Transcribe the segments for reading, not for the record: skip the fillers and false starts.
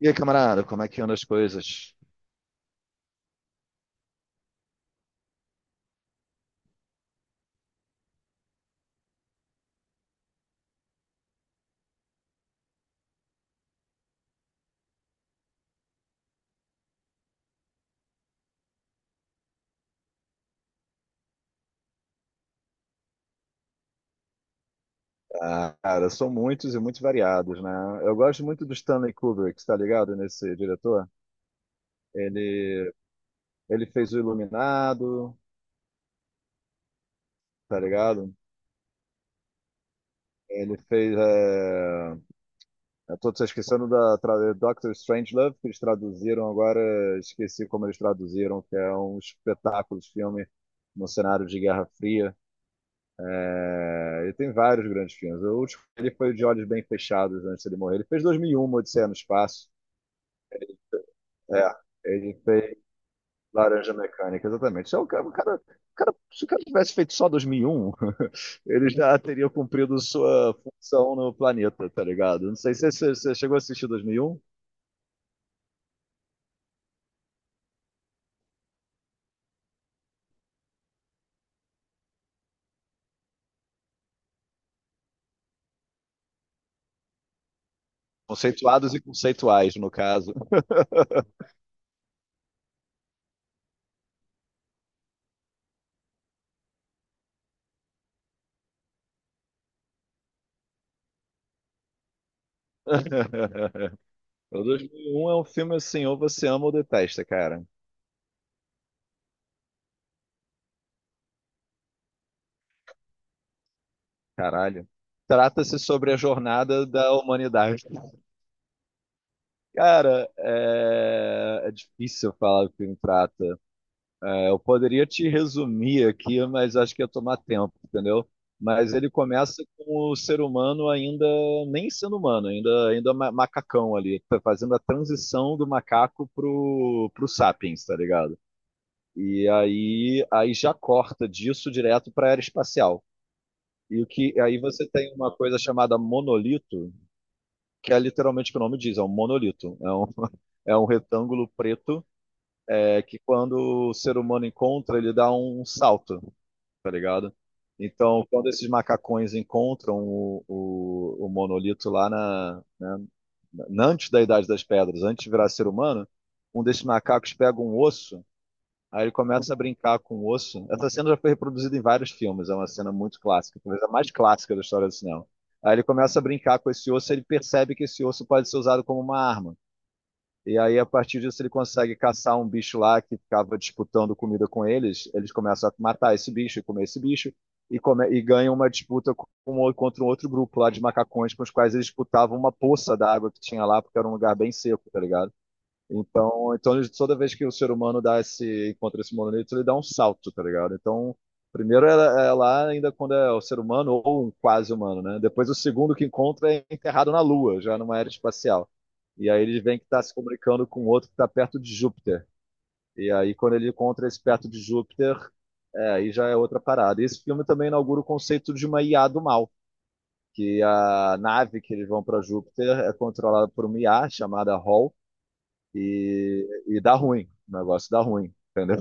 E aí, camarada, como é que andam as coisas? Ah, cara, são muitos e muito variados, né? Eu gosto muito do Stanley Kubrick, tá ligado? Nesse diretor. Ele, ele fez o Iluminado, tá ligado? Ele fez. Eu tô esquecendo da tra... Doctor Strangelove, que eles traduziram agora, esqueci como eles traduziram, que é um espetáculo de filme no cenário de Guerra Fria. É, ele tem vários grandes filmes. O último ele foi o de Olhos Bem Fechados antes de ele morrer. Ele fez 2001, Odisseia no Espaço. É, ele fez Laranja Mecânica, exatamente. Se o cara, o cara, o cara- Se o cara tivesse feito só 2001, ele já teria cumprido sua função no planeta, tá ligado? Não sei se você chegou a assistir 2001. Conceituados e conceituais, no caso. O 2001 é um filme assim, ou você ama ou detesta, cara. Caralho. Trata-se sobre a jornada da humanidade. Cara, é, é difícil falar o que o trata. Eu poderia te resumir aqui, mas acho que ia tomar tempo, entendeu? Mas ele começa com o ser humano ainda nem sendo humano, macacão ali, tá fazendo a transição do macaco pro sapiens, tá ligado? E aí já corta disso direto para a era espacial. E o que aí você tem uma coisa chamada monolito, que é literalmente o que o nome diz, é um monolito, é um é um retângulo preto, é que quando o ser humano encontra, ele dá um salto. Tá ligado? Então, quando esses macacões encontram o monolito lá na, né, antes da Idade das Pedras, antes de virar ser humano, um desses macacos pega um osso, aí ele começa a brincar com o osso. Essa cena já foi reproduzida em vários filmes, é uma cena muito clássica, talvez a mais clássica da história do cinema. Aí ele começa a brincar com esse osso, ele percebe que esse osso pode ser usado como uma arma. E aí, a partir disso, ele consegue caçar um bicho lá que ficava disputando comida com eles. Eles começam a matar esse bicho e comer esse bicho. E, come, e ganham uma disputa com, contra um outro grupo lá de macacões com os quais eles disputavam uma poça d'água que tinha lá, porque era um lugar bem seco, tá ligado? Então, toda vez que o ser humano dá esse, encontra esse monolito, ele dá um salto, tá ligado? Então, primeiro é, é lá ainda quando é o ser humano ou um quase humano, né? Depois o segundo que encontra é enterrado na Lua, já numa era espacial. E aí ele vem que está se comunicando com outro que está perto de Júpiter. E aí quando ele encontra esse perto de Júpiter, é, aí já é outra parada. E esse filme também inaugura o conceito de uma IA do mal, que a nave que eles vão para Júpiter é controlada por uma IA chamada HAL, e dá ruim, o negócio dá ruim, entendeu?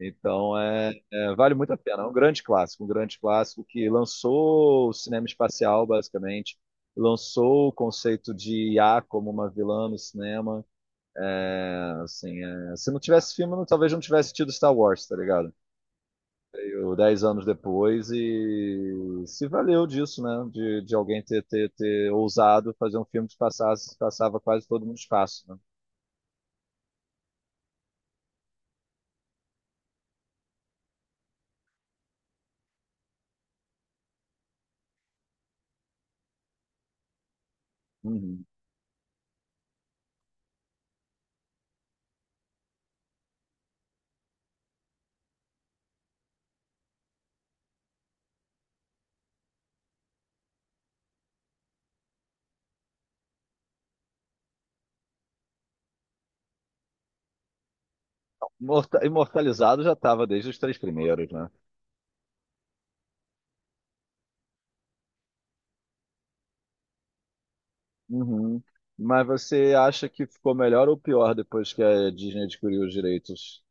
Então é, é, vale muito a pena, é um grande clássico que lançou o cinema espacial, basicamente, lançou o conceito de IA como uma vilã no cinema. É, assim, é, se não tivesse filme, não- talvez não tivesse tido Star Wars, tá ligado? Eu, 10 anos depois e se valeu disso, né? De alguém ter, ter, ter ousado fazer um filme que passasse, passava quase todo mundo no espaço, né? Uhum. Imortalizado já estava desde os três primeiros, né? Uhum. Mas você acha que ficou melhor ou pior depois que a Disney adquiriu os direitos?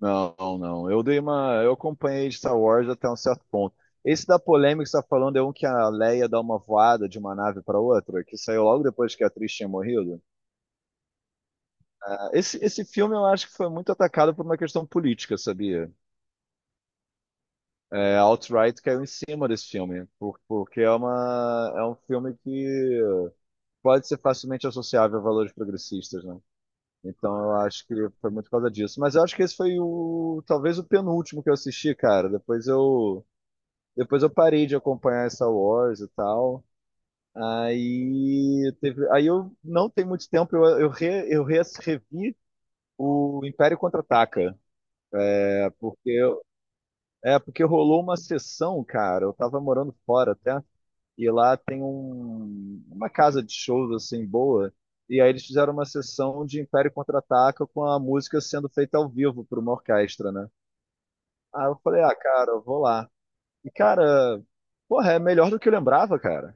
Não, não. Eu dei uma, eu acompanhei Star Wars até um certo ponto. Esse da polêmica que você está falando é um que a Leia dá uma voada de uma nave para outra, que saiu logo depois que a atriz tinha morrido. Esse filme eu acho que foi muito atacado por uma questão política, sabia? É, a alt-right caiu em cima desse filme, porque é uma, é um filme que pode ser facilmente associável a valores progressistas, né? Então eu acho que foi muito por causa disso. Mas eu acho que esse foi o talvez o penúltimo que eu assisti, cara. Depois eu parei de acompanhar Star Wars e tal. Aí teve, aí eu não tem muito tempo eu revi o Império Contra-Ataca, é porque eu- é porque rolou uma sessão, cara. Eu tava morando fora até. E lá tem um, uma casa de shows assim boa. E aí eles fizeram uma sessão de Império Contra-Ataca com a música sendo feita ao vivo por uma orquestra, né? Aí eu falei, ah, cara, eu vou lá. E, cara, porra, é melhor do que eu lembrava, cara.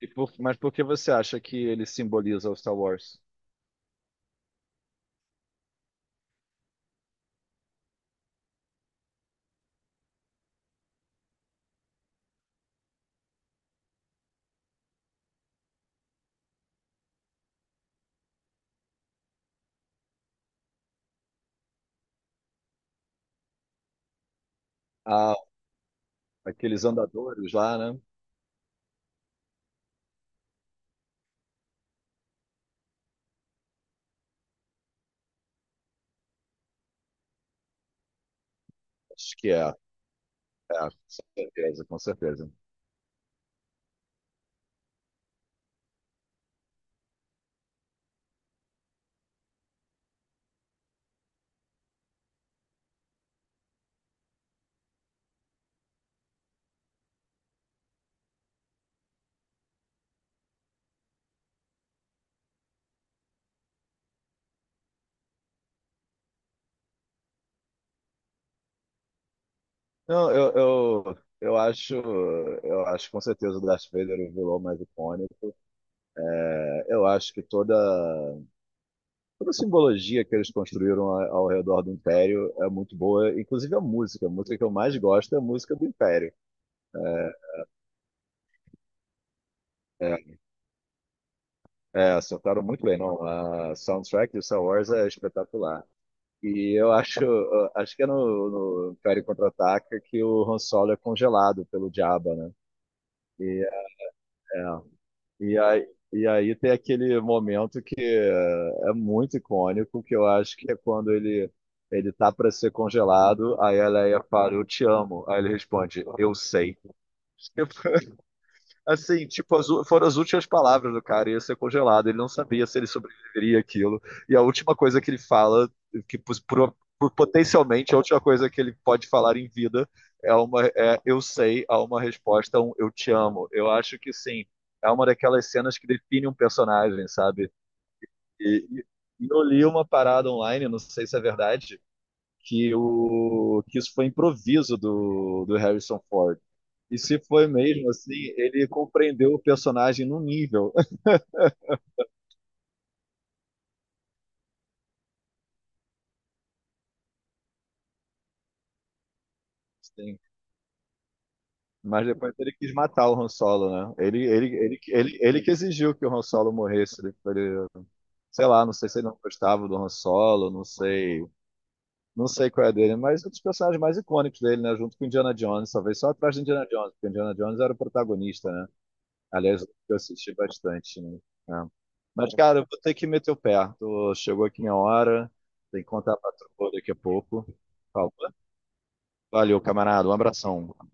E mas por que você acha que ele simboliza o Star Wars? Ah, aqueles andadores lá, né? Acho que é, é, com certeza, com certeza. Não, eu, eu acho, eu acho com certeza o Darth Vader o vilão mais icônico. Eu acho que toda, toda a simbologia que eles construíram ao redor do Império é muito boa, inclusive a música. A música que eu mais gosto é a música do Império. É, é acertaram muito bem, não? A soundtrack de Star Wars é espetacular. E eu acho, acho que é no, no Império Contra-Ataca que o Han Solo é congelado pelo Jabba, né? E é. E aí tem aquele momento que é é muito icônico, que eu acho que é quando ele tá para ser congelado, aí a Leia fala, eu te amo. Aí ele responde, eu sei. Assim, tipo, foram as últimas palavras do cara, ia ser congelado, ele não sabia se ele sobreviveria àquilo. E a última coisa que ele fala, que pos- pro- por- potencialmente a última coisa que ele pode falar em vida é uma é, eu sei, a uma resposta, um eu te amo. Eu acho que sim, é uma daquelas cenas que define um personagem, sabe? E, e e eu li uma parada online, não sei se é verdade, que, o, que isso foi improviso do, do Harrison Ford. E se foi mesmo assim, ele compreendeu o personagem num nível. assim. Mas depois ele quis matar o Han Solo, né? Ele que exigiu que o Han Solo morresse. Ele, ele- sei lá, não sei se ele não gostava do Han Solo, não sei, não sei qual é a dele, mas um dos personagens mais icônicos dele, né? Junto com Indiana Jones, talvez só atrás de Indiana Jones, porque Indiana Jones era o protagonista, né? Aliás, eu assisti bastante, né? É. Mas, cara, eu vou ter que meter o pé. Chegou aqui minha hora. Tem que contar pra patroa daqui a pouco. Por favor. Valeu, camarada. Um abração.